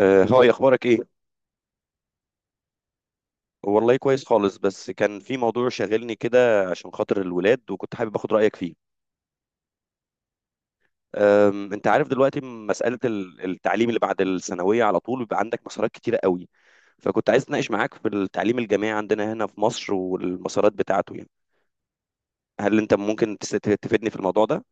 آه، هاي اخبارك ايه؟ والله كويس خالص، بس كان في موضوع شاغلني كده عشان خاطر الولاد، وكنت حابب اخد رايك فيه. انت عارف دلوقتي مساله التعليم اللي بعد الثانويه على طول بيبقى عندك مسارات كتيره قوي. فكنت عايز اتناقش معاك في التعليم الجامعي عندنا هنا في مصر والمسارات بتاعته، يعني هل انت ممكن تفيدني في الموضوع ده؟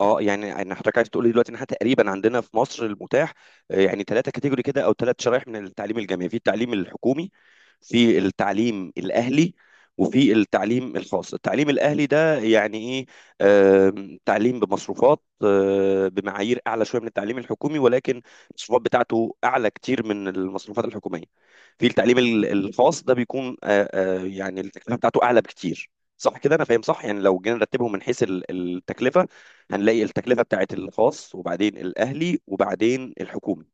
اه، يعني انا حضرتك عايز تقول لي دلوقتي ان احنا تقريبا عندنا في مصر المتاح يعني ثلاثه كاتيجوري كده او ثلاث شرائح من التعليم الجامعي: في التعليم الحكومي، في التعليم الاهلي، وفي التعليم الخاص. التعليم الاهلي ده يعني ايه؟ تعليم بمصروفات، بمعايير اعلى شويه من التعليم الحكومي، ولكن المصروفات بتاعته اعلى كتير من المصروفات الحكوميه. في التعليم الخاص ده بيكون يعني التكلفه بتاعته اعلى بكتير. صح كده؟ انا فاهم صح؟ يعني لو جينا نرتبهم من حيث التكلفه، هنلاقي التكلفة بتاعت الخاص وبعدين الأهلي وبعدين الحكومي،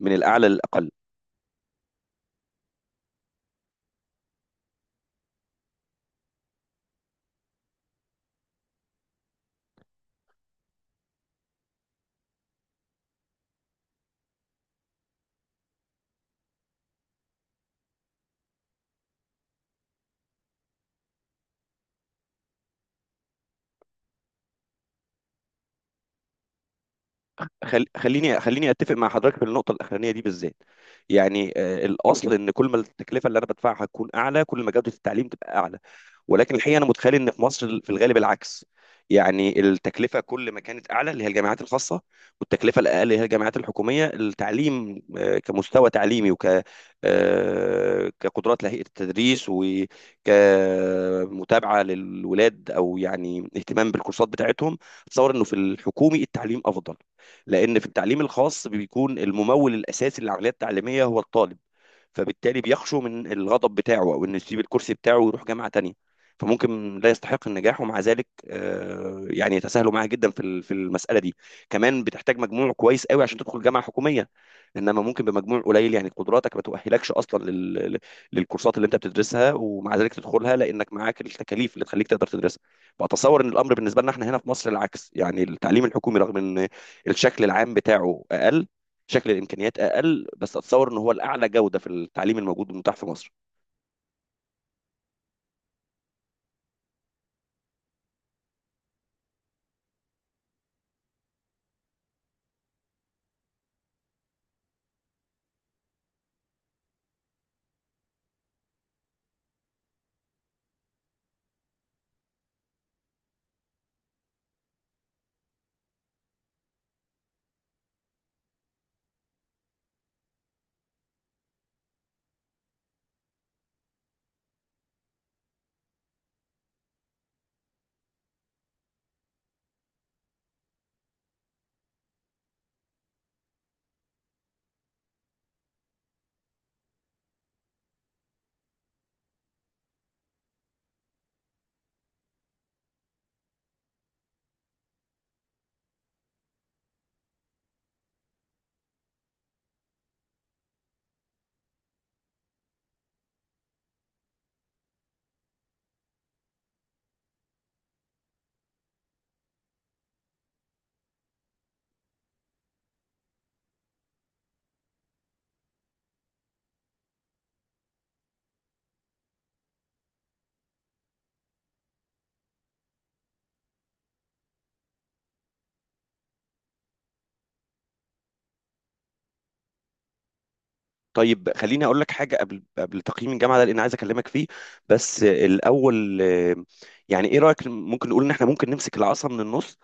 من الأعلى للأقل. خليني أتفق مع حضرتك في النقطة الأخرانية دي بالذات. يعني الأصل إن كل ما التكلفة اللي أنا بدفعها تكون أعلى، كل ما جودة التعليم تبقى أعلى. ولكن الحقيقه انا متخيل ان في مصر في الغالب العكس. يعني التكلفه كل ما كانت اعلى اللي هي الجامعات الخاصه، والتكلفه الاقل اللي هي الجامعات الحكوميه، التعليم كمستوى تعليمي وك كقدرات لهيئه التدريس وكمتابعه للولاد او يعني اهتمام بالكورسات بتاعتهم، اتصور انه في الحكومي التعليم افضل. لان في التعليم الخاص بيكون الممول الاساسي للعمليه التعليميه هو الطالب، فبالتالي بيخشوا من الغضب بتاعه او انه يسيب الكرسي بتاعه ويروح جامعه تانية. فممكن لا يستحق النجاح، ومع ذلك يعني يتساهلوا معاه جدا في في المساله دي. كمان بتحتاج مجموع كويس قوي عشان تدخل جامعه حكوميه، انما ممكن بمجموع قليل يعني قدراتك ما تؤهلكش اصلا للكورسات اللي انت بتدرسها، ومع ذلك تدخلها لانك معاك التكاليف اللي تخليك تقدر تدرسها. فاتصور ان الامر بالنسبه لنا احنا هنا في مصر العكس. يعني التعليم الحكومي رغم ان الشكل العام بتاعه اقل، شكل الامكانيات اقل، بس اتصور ان هو الاعلى جوده في التعليم الموجود والمتاح في مصر. طيب خليني اقول لك حاجه قبل تقييم الجامعه ده، لان عايز اكلمك فيه. بس الاول يعني ايه رايك ممكن نقول ان احنا ممكن نمسك العصا من النص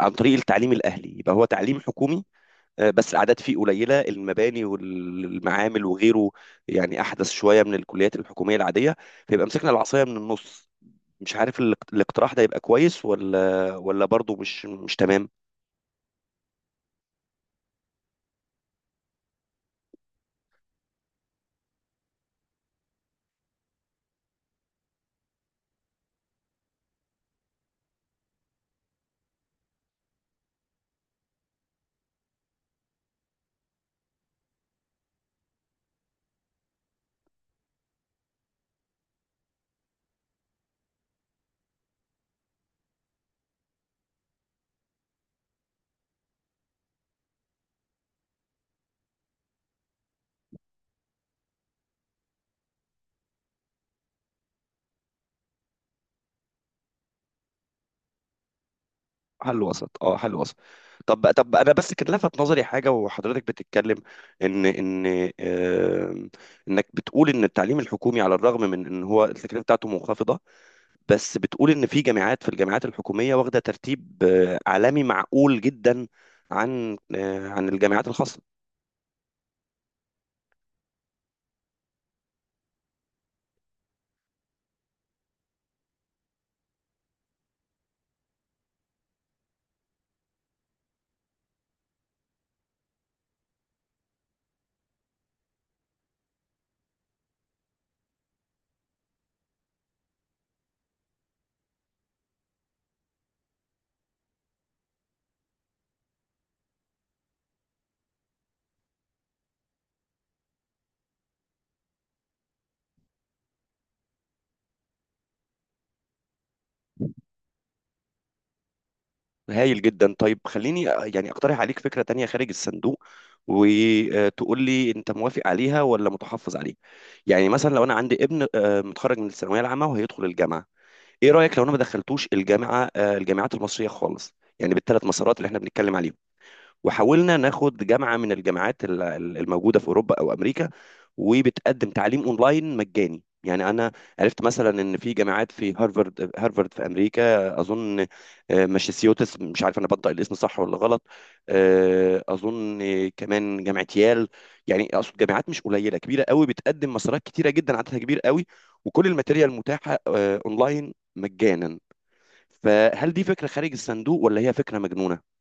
عن طريق التعليم الاهلي؟ يبقى هو تعليم حكومي، بس الاعداد فيه قليله، المباني والمعامل وغيره يعني احدث شويه من الكليات الحكوميه العاديه، فيبقى مسكنا العصايه من النص. مش عارف الاقت- الاقتراح ده يبقى كويس ولا برضه مش تمام. حل وسط، اه، حل وسط. طب انا بس كان لفت نظري حاجه وحضرتك بتتكلم، ان آم، انك بتقول ان التعليم الحكومي على الرغم من ان هو التكلفه بتاعته منخفضه، بس بتقول ان في جامعات، في الجامعات الحكوميه واخده ترتيب عالمي معقول جدا عن عن الجامعات الخاصه. هايل جدا. طيب خليني يعني اقترح عليك فكرة تانية خارج الصندوق، وتقول لي انت موافق عليها ولا متحفظ عليها. يعني مثلا لو انا عندي ابن متخرج من الثانوية العامة وهيدخل الجامعة، ايه رأيك لو انا ما دخلتوش الجامعة الجامعات المصرية خالص، يعني بالثلاث مسارات اللي احنا بنتكلم عليهم، وحاولنا ناخد جامعة من الجامعات الموجودة في اوروبا او امريكا، وبتقدم تعليم اونلاين مجاني؟ يعني انا عرفت مثلا ان في جامعات، في هارفارد، في امريكا اظن، ماساتشوستس، مش عارف انا بنطق الاسم صح ولا غلط، اظن كمان جامعه يال. يعني اقصد جامعات مش قليله، كبيره قوي، بتقدم مسارات كتيره جدا عددها كبير قوي، وكل الماتيريال متاحه اونلاين مجانا. فهل دي فكره خارج الصندوق ولا هي فكره مجنونه؟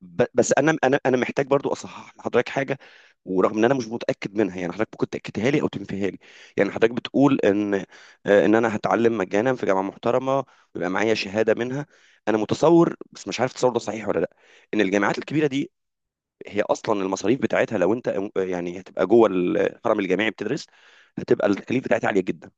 بس انا محتاج برضو اصحح لحضرتك حاجه، ورغم ان انا مش متاكد منها يعني حضرتك ممكن تاكدها لي او تنفيها لي. يعني حضرتك بتقول ان ان انا هتعلم مجانا في جامعه محترمه ويبقى معايا شهاده منها. انا متصور، بس مش عارف التصور ده صحيح ولا لا، ان الجامعات الكبيره دي هي اصلا المصاريف بتاعتها لو انت يعني هتبقى جوه الحرم الجامعي بتدرس، هتبقى التكاليف بتاعتها عاليه جدا.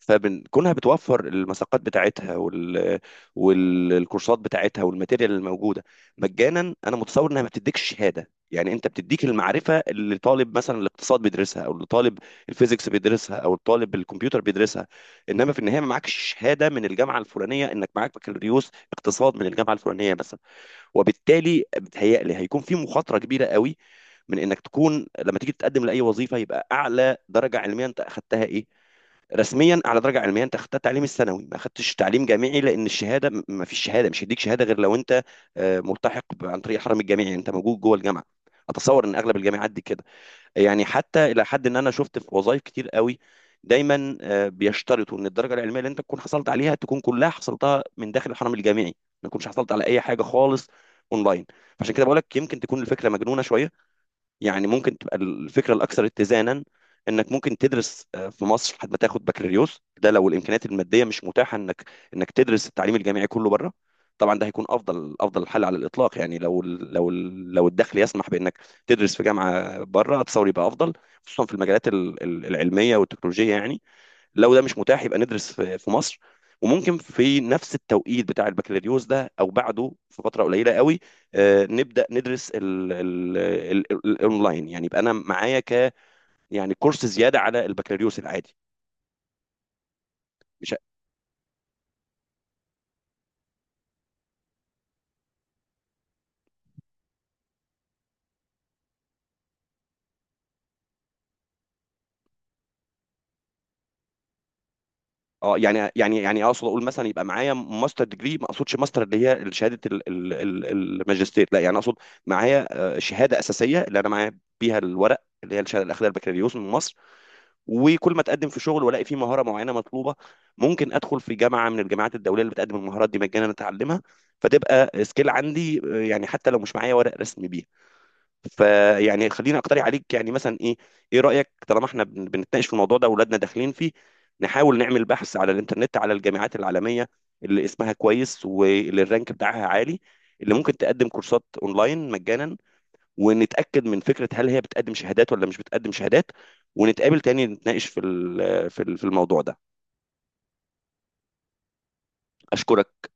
فكونها بتوفر المساقات بتاعتها والكورسات بتاعتها والماتيريال الموجوده مجانا، انا متصور انها ما بتديكش شهاده. يعني انت بتديك المعرفه اللي طالب مثلا الاقتصاد بيدرسها، او اللي طالب الفيزيكس بيدرسها، او الطالب الكمبيوتر بيدرسها، انما في النهايه ما معكش شهاده من الجامعه الفلانيه انك معاك بكالوريوس اقتصاد من الجامعه الفلانيه مثلا. وبالتالي بتهيألي هيكون في مخاطره كبيره قوي، من انك تكون لما تيجي تتقدم لاي وظيفه، يبقى اعلى درجه علميه انت اخذتها ايه رسميا؟ على درجه علميه انت اخدت تعليم الثانوي ما اخدتش تعليم جامعي، لان الشهاده ما فيش شهاده، مش هيديك شهاده غير لو انت ملتحق عن طريق الحرم الجامعي، يعني انت موجود جوه الجامعه. اتصور ان اغلب الجامعات دي كده. يعني حتى الى حد ان انا شفت في وظائف كتير قوي دايما بيشترطوا ان الدرجه العلميه اللي انت تكون حصلت عليها تكون كلها حصلتها من داخل الحرم الجامعي، ما تكونش حصلت على اي حاجه خالص اونلاين. فعشان كده بقول لك يمكن تكون الفكره مجنونه شويه. يعني ممكن تبقى الفكره الاكثر اتزانا، انك ممكن تدرس في مصر لحد ما تاخد بكالوريوس، ده لو الامكانيات الماديه مش متاحه انك تدرس التعليم الجامعي كله بره. طبعا ده هيكون افضل حل على الاطلاق. يعني لو الدخل يسمح بانك تدرس في جامعه بره اتصور يبقى افضل، خصوصا في المجالات العلميه والتكنولوجيه يعني. لو ده مش متاح يبقى ندرس في مصر. وممكن في نفس التوقيت بتاع البكالوريوس ده او بعده في فتره قليله قوي، نبدا ندرس الاونلاين. يعني يبقى انا معايا ك، يعني كورس زياده على البكالوريوس العادي. مش اه يعني اقصد اقول مثلا يبقى معايا ماستر ديجري. ما اقصدش ماستر اللي هي شهاده الماجستير، لا، يعني اقصد معايا شهاده اساسيه اللي انا معايا بيها الورق اللي هي الشهاده الاخيره البكالوريوس من مصر. وكل ما اتقدم في شغل والاقي فيه مهاره معينه مطلوبه، ممكن ادخل في جامعه من الجامعات الدوليه اللي بتقدم المهارات دي مجانا اتعلمها، فتبقى سكيل عندي، يعني حتى لو مش معايا ورق رسمي بيها. فيعني خليني اقترح عليك يعني مثلا ايه، ايه رايك طالما احنا بنتناقش في الموضوع ده واولادنا داخلين فيه، نحاول نعمل بحث على الانترنت على الجامعات العالميه اللي اسمها كويس واللي الرانك بتاعها عالي، اللي ممكن تقدم كورسات اونلاين مجانا، ونتاكد من فكره هل هي بتقدم شهادات ولا مش بتقدم شهادات، ونتقابل تاني نتناقش في في الموضوع ده. اشكرك.